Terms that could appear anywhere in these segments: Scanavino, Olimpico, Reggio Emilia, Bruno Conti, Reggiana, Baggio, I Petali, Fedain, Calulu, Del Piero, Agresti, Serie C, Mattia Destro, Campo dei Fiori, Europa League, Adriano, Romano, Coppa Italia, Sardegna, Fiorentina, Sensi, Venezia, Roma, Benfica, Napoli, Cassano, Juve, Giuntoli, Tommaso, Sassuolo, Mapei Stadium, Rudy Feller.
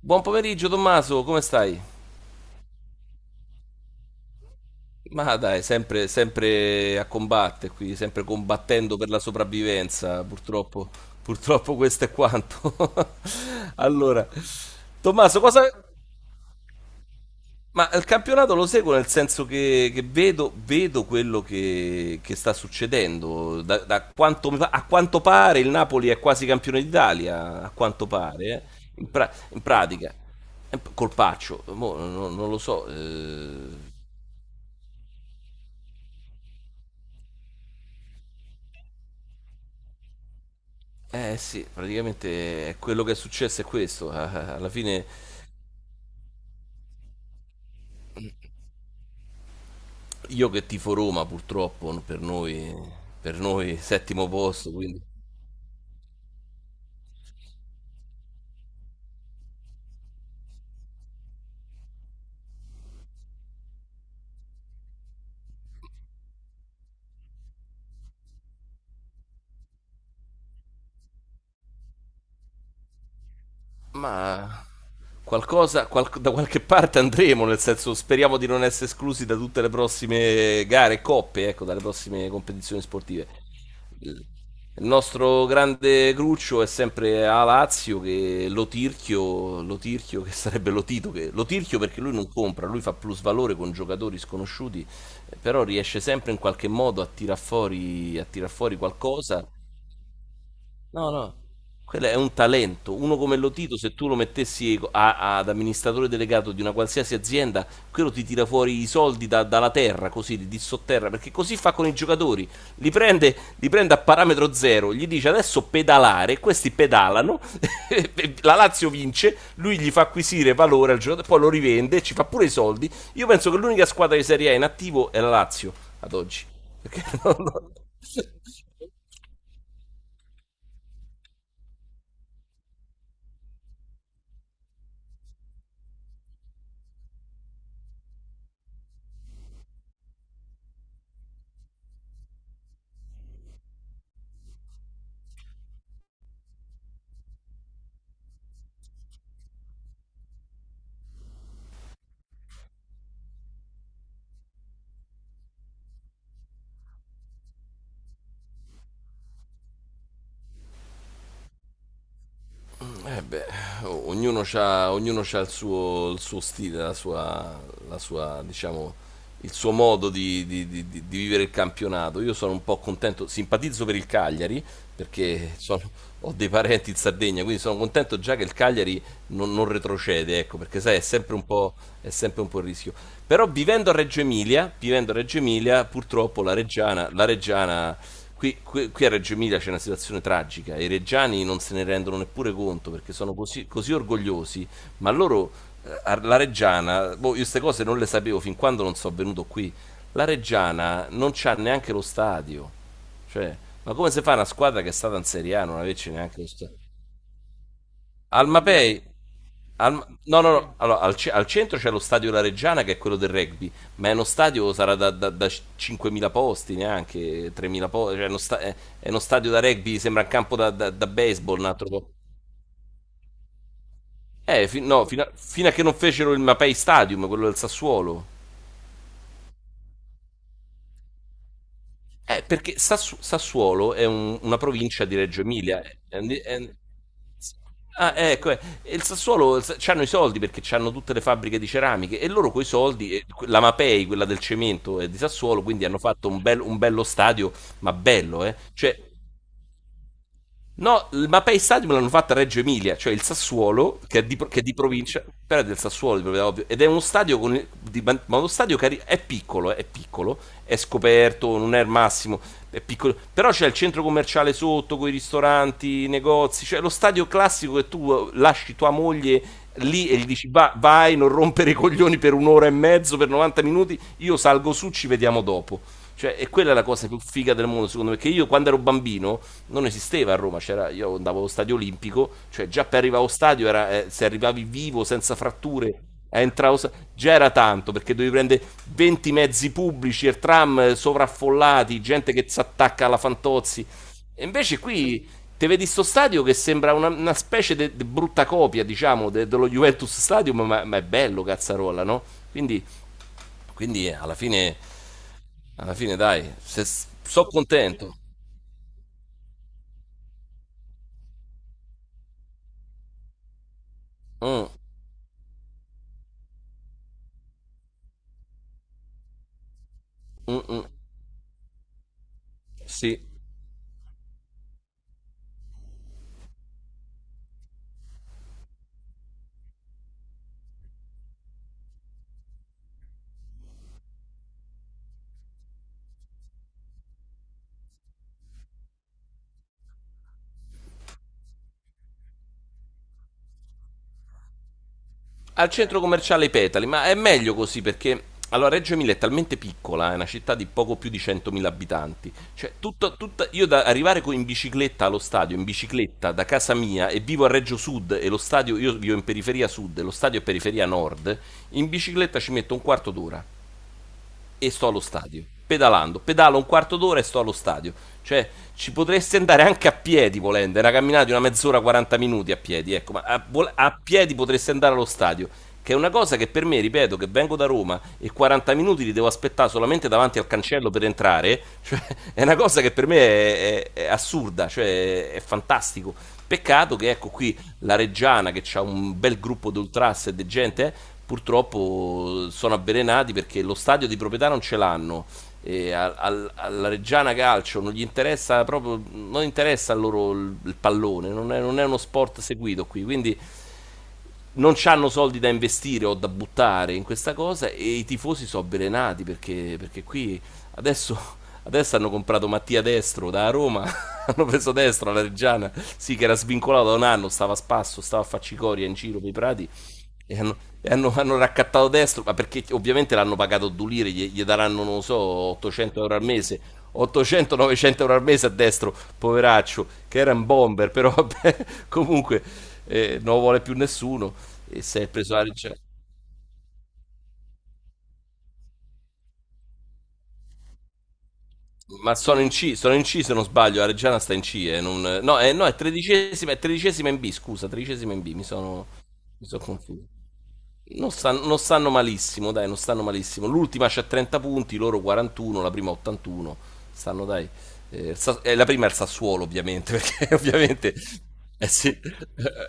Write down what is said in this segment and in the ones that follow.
Buon pomeriggio Tommaso, come stai? Ma dai, sempre a combattere qui, sempre combattendo per la sopravvivenza, purtroppo questo è quanto. Allora, Tommaso, cosa. Ma il campionato lo seguo nel senso che vedo quello che sta succedendo. Da, da quanto mi pa- a quanto pare il Napoli è quasi campione d'Italia, a quanto pare, eh. In pratica. Colpaccio, mo, non lo so. Eh sì, praticamente è quello che è successo è questo. Alla fine io che tifo Roma, purtroppo, per noi settimo posto, quindi. Ma qualcosa, da qualche parte andremo, nel senso speriamo di non essere esclusi da tutte le prossime gare e coppe, ecco, dalle prossime competizioni sportive. Il il nostro grande cruccio è sempre a Lazio, che Lotirchio, Lotirchio che sarebbe Lotito, Lotirchio perché lui non compra, lui fa plus valore con giocatori sconosciuti, però riesce sempre in qualche modo a tirar fuori qualcosa. No, no, quello è un talento. Uno come Lotito, se tu lo mettessi ad amministratore delegato di una qualsiasi azienda, quello ti tira fuori i soldi dalla terra, così, di sotterra, perché così fa con i giocatori. Li prende a parametro zero, gli dice adesso pedalare, questi pedalano, e la Lazio vince, lui gli fa acquisire valore al giocatore, poi lo rivende, ci fa pure i soldi. Io penso che l'unica squadra di Serie A in attivo è la Lazio, ad oggi. Perché non. Eh beh, ognuno ha il suo stile, la sua, diciamo, il suo modo di vivere il campionato. Io sono un po' contento, simpatizzo per il Cagliari perché ho dei parenti in Sardegna, quindi sono contento già che il Cagliari non retrocede, ecco, perché sai, è sempre un po' il rischio. Però vivendo a Reggio Emilia, purtroppo la Reggiana qui a Reggio Emilia c'è una situazione tragica, i reggiani non se ne rendono neppure conto perché sono così, così orgogliosi, ma loro, la Reggiana, boh, io queste cose non le sapevo fin quando non sono venuto qui, la Reggiana non c'ha neanche lo stadio. Cioè, ma come si fa, una squadra che è stata in Serie A non averci neanche lo stadio? Almapei, al, no, no, no. Allora, al centro c'è lo stadio La Reggiana, che è quello del rugby, ma è uno stadio, sarà da 5.000 posti, neanche 3.000 posti. Cioè, è uno stadio da rugby, sembra un campo da baseball. Un altro po'. No, fino a che non fecero il Mapei Stadium, quello del Sassuolo. Perché Sassuolo è una provincia di Reggio Emilia. eh, eh, eh, Ah, ecco, e il Sassuolo hanno i soldi perché hanno tutte le fabbriche di ceramiche e loro coi soldi, la Mapei, quella del cemento, è di Sassuolo, quindi hanno fatto un bello stadio, ma bello, eh. Cioè, no, il Mapei Stadium l'hanno fatta a Reggio Emilia, cioè il Sassuolo, che è di provincia, però è del Sassuolo, di proprietà, ovvio, ed è uno stadio, con il- di ban- ma uno stadio è piccolo, è scoperto, non è il massimo, è piccolo, però c'è il centro commerciale sotto, con i ristoranti, i negozi, cioè lo stadio classico che tu lasci tua moglie lì e gli dici: Vai, non rompere i coglioni per un'ora e mezzo, per 90 minuti, io salgo su, ci vediamo dopo". Cioè, e quella è la cosa più figa del mondo, secondo me. Perché io, quando ero bambino, non esisteva a Roma. C'era, io andavo allo stadio Olimpico, cioè già per arrivare allo stadio, se arrivavi vivo, senza fratture, a entrare allo sta- già era tanto, perché dovevi prendere 20 mezzi pubblici e tram sovraffollati, gente che si attacca alla Fantozzi. E invece qui te vedi sto stadio che sembra una specie di brutta copia, diciamo, dello Juventus Stadium, ma è bello, cazzarolla, no? Quindi, quindi eh, alla fine alla fine, dai, se, so contento. Mm, mm, mm, sì. Al centro commerciale I Petali. Ma è meglio così, perché allora Reggio Emilia è talmente piccola, è una città di poco più di 100.000 abitanti. Cioè, io da arrivare in bicicletta allo stadio, in bicicletta da casa mia, e vivo a Reggio Sud e lo stadio, io vivo in periferia sud e lo stadio è periferia nord, in bicicletta ci metto un quarto d'ora e sto allo stadio. Pedalando, pedalo un quarto d'ora e sto allo stadio. Cioè, ci potresti andare anche a piedi, volendo, è una camminata di una mezz'ora, 40 minuti a piedi, ecco, ma a piedi potresti andare allo stadio, che è una cosa che per me, ripeto, che vengo da Roma e 40 minuti li devo aspettare solamente davanti al cancello per entrare, cioè, è una cosa che per me è assurda, cioè, è fantastico. Peccato che, ecco, qui la Reggiana, che ha un bel gruppo di ultras e di gente, purtroppo sono avvelenati perché lo stadio di proprietà non ce l'hanno. E alla Reggiana Calcio non gli interessa proprio, non interessa a loro il pallone, non è uno sport seguito qui, quindi non hanno soldi da investire o da buttare in questa cosa, e i tifosi sono avvelenati perché qui adesso, adesso hanno comprato Mattia Destro da Roma, hanno preso Destro alla Reggiana, sì, che era svincolato da un anno, stava a spasso, stava a faccicoria in giro per i prati, e hanno raccattato Destro, ma perché ovviamente l'hanno pagato Dulire, gli daranno, non lo so, €800 al mese, 800-€900 al mese a Destro, poveraccio, che era un bomber, però vabbè, comunque, non lo vuole più nessuno. E se è preso la Reggiana. Ma sono in C, sono in C, se non sbaglio, la Reggiana sta in C. No, no, è tredicesima in B, scusa, 13ª in B, mi sono confuso. Non stanno malissimo, dai, non stanno malissimo. L'ultima c'ha 30 punti, loro 41, la prima 81. Stanno, dai. La prima è il Sassuolo, ovviamente, perché ovviamente. Eh sì,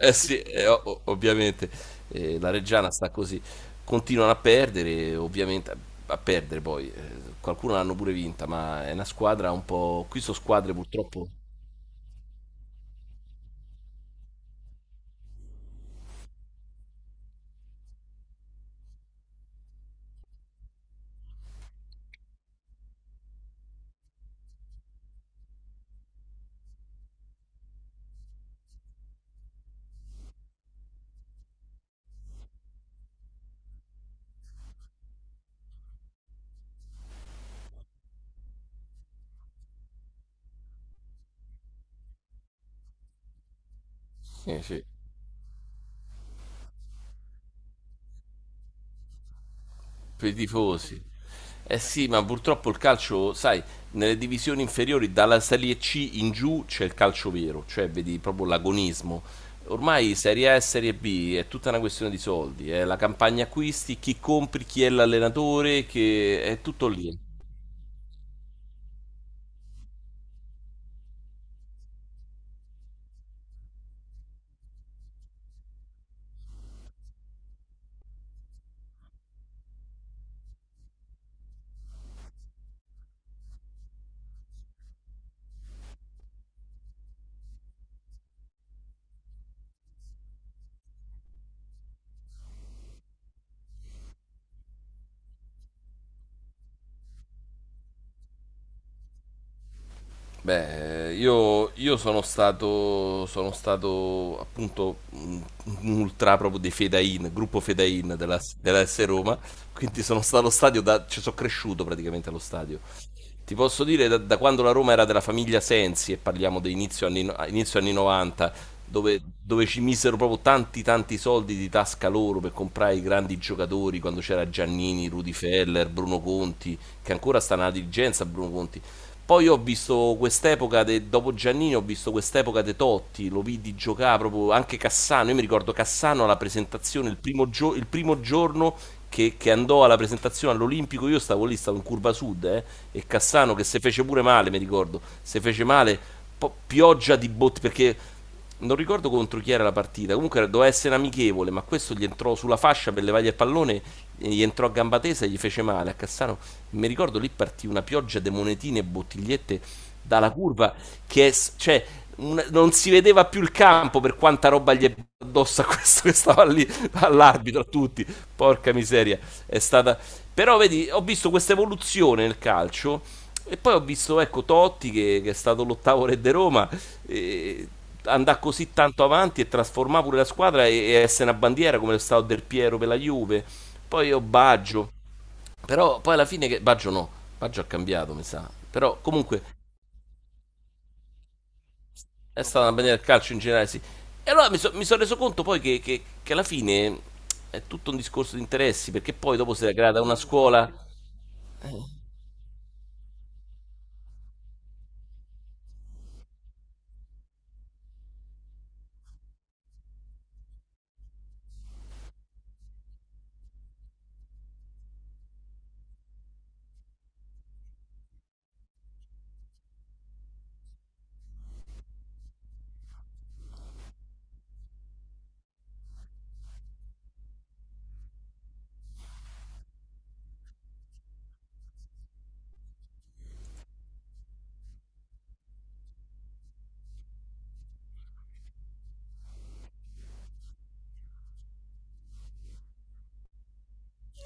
eh sì, ovviamente. La Reggiana sta così, continuano a perdere, ovviamente, a perdere poi, qualcuno l'hanno pure vinta, ma è una squadra un po'. Qui sono squadre purtroppo. Sì, sì, per i tifosi. Eh sì, ma purtroppo il calcio, sai, nelle divisioni inferiori, dalla Serie C in giù c'è il calcio vero, cioè vedi proprio l'agonismo. Ormai Serie A e Serie B è tutta una questione di soldi, è la campagna acquisti, chi compri, chi è l'allenatore, che è tutto lì. Beh, io sono stato appunto un ultra, proprio dei Fedain, gruppo Fedain della S Roma, quindi sono stato allo stadio, ci sono cresciuto praticamente allo stadio. Ti posso dire da quando la Roma era della famiglia Sensi, e parliamo di inizio anni, no, inizio anni 90, dove ci misero proprio tanti tanti soldi di tasca loro per comprare i grandi giocatori, quando c'era Giannini, Rudy Feller, Bruno Conti, che ancora sta nella dirigenza, Bruno Conti, poi ho visto quest'epoca, dopo Giannini, ho visto quest'epoca de Totti, lo vidi giocare proprio anche Cassano. Io mi ricordo Cassano alla presentazione, il primo giorno che andò alla presentazione all'Olimpico, io stavo lì, stavo in curva sud, e Cassano che se fece pure male, mi ricordo, se fece male, pioggia di botte, perché non ricordo contro chi era la partita. Comunque doveva essere amichevole, ma questo gli entrò sulla fascia per levargli il pallone, e gli entrò a gamba tesa e gli fece male a Cassano. Mi ricordo lì partì una pioggia di monetine e bottigliette dalla curva, che è s- cioè un- non si vedeva più il campo per quanta roba gli è addosso a questo che stava lì, all'arbitro, a tutti. Porca miseria. È stata Però, vedi, ho visto questa evoluzione nel calcio, e poi ho visto, ecco, Totti, che è stato l'ottavo re di Roma e andare così tanto avanti e trasformare pure la squadra, e essere una bandiera come lo stato Del Piero per la Juve. Poi ho Baggio, però poi alla fine che. Baggio, no, Baggio ha cambiato, mi sa, però comunque è stata una bandiera del calcio in generale, sì. E allora mi sono reso conto poi che alla fine è tutto un discorso di interessi, perché poi dopo si è creata una scuola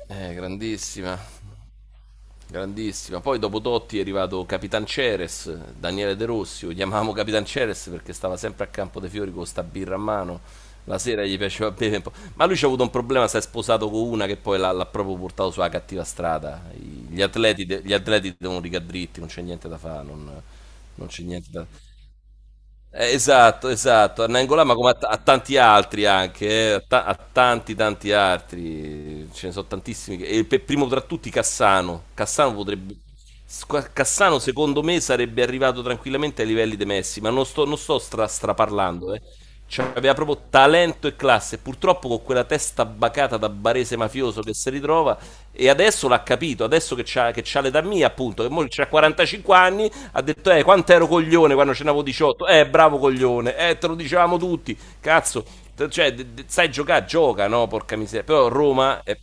grandissima, grandissima. Poi dopo Totti è arrivato Capitan Ceres, Daniele De Rossi, lo chiamavamo Capitan Ceres perché stava sempre a Campo dei Fiori con sta birra a mano. La sera gli piaceva bere un po'. Ma lui c'ha avuto un problema, si è sposato con una che poi l'ha proprio portato sulla cattiva strada. Gli atleti, gli atleti devono rigare dritti, non c'è niente da fare, non non c'è niente da. Esatto, esatto, Nangola, ma come a tanti altri anche, a tanti tanti altri, ce ne sono tantissimi, e per primo tra tutti Cassano. Cassano potrebbe, Cassano secondo me sarebbe arrivato tranquillamente ai livelli di Messi, ma non sto straparlando, eh. Cioè, aveva proprio talento e classe. Purtroppo con quella testa bacata da barese mafioso che si ritrova. E adesso l'ha capito, adesso che c'ha l'età mia, appunto, che mo c'ha 45 anni, ha detto, quanto ero coglione quando ce n'avevo 18. Bravo coglione, te lo dicevamo tutti. Cazzo, sai giocare, gioca, no? Porca miseria. Però Roma è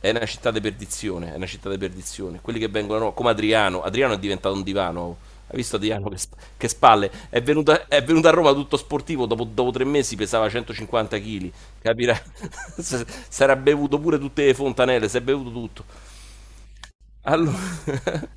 è una città di perdizione, è una città di perdizione. Quelli che vengono, come Adriano, Adriano è diventato un divano. Hai visto Adriano che spalle? È venuto, è venuto a Roma tutto sportivo, dopo 3 mesi pesava 150 kg, capirai? Sarà bevuto pure tutte le fontanelle, si è bevuto tutto. Allora.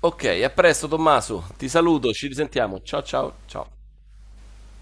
Ok, a presto Tommaso, ti saluto, ci risentiamo. Ciao ciao ciao.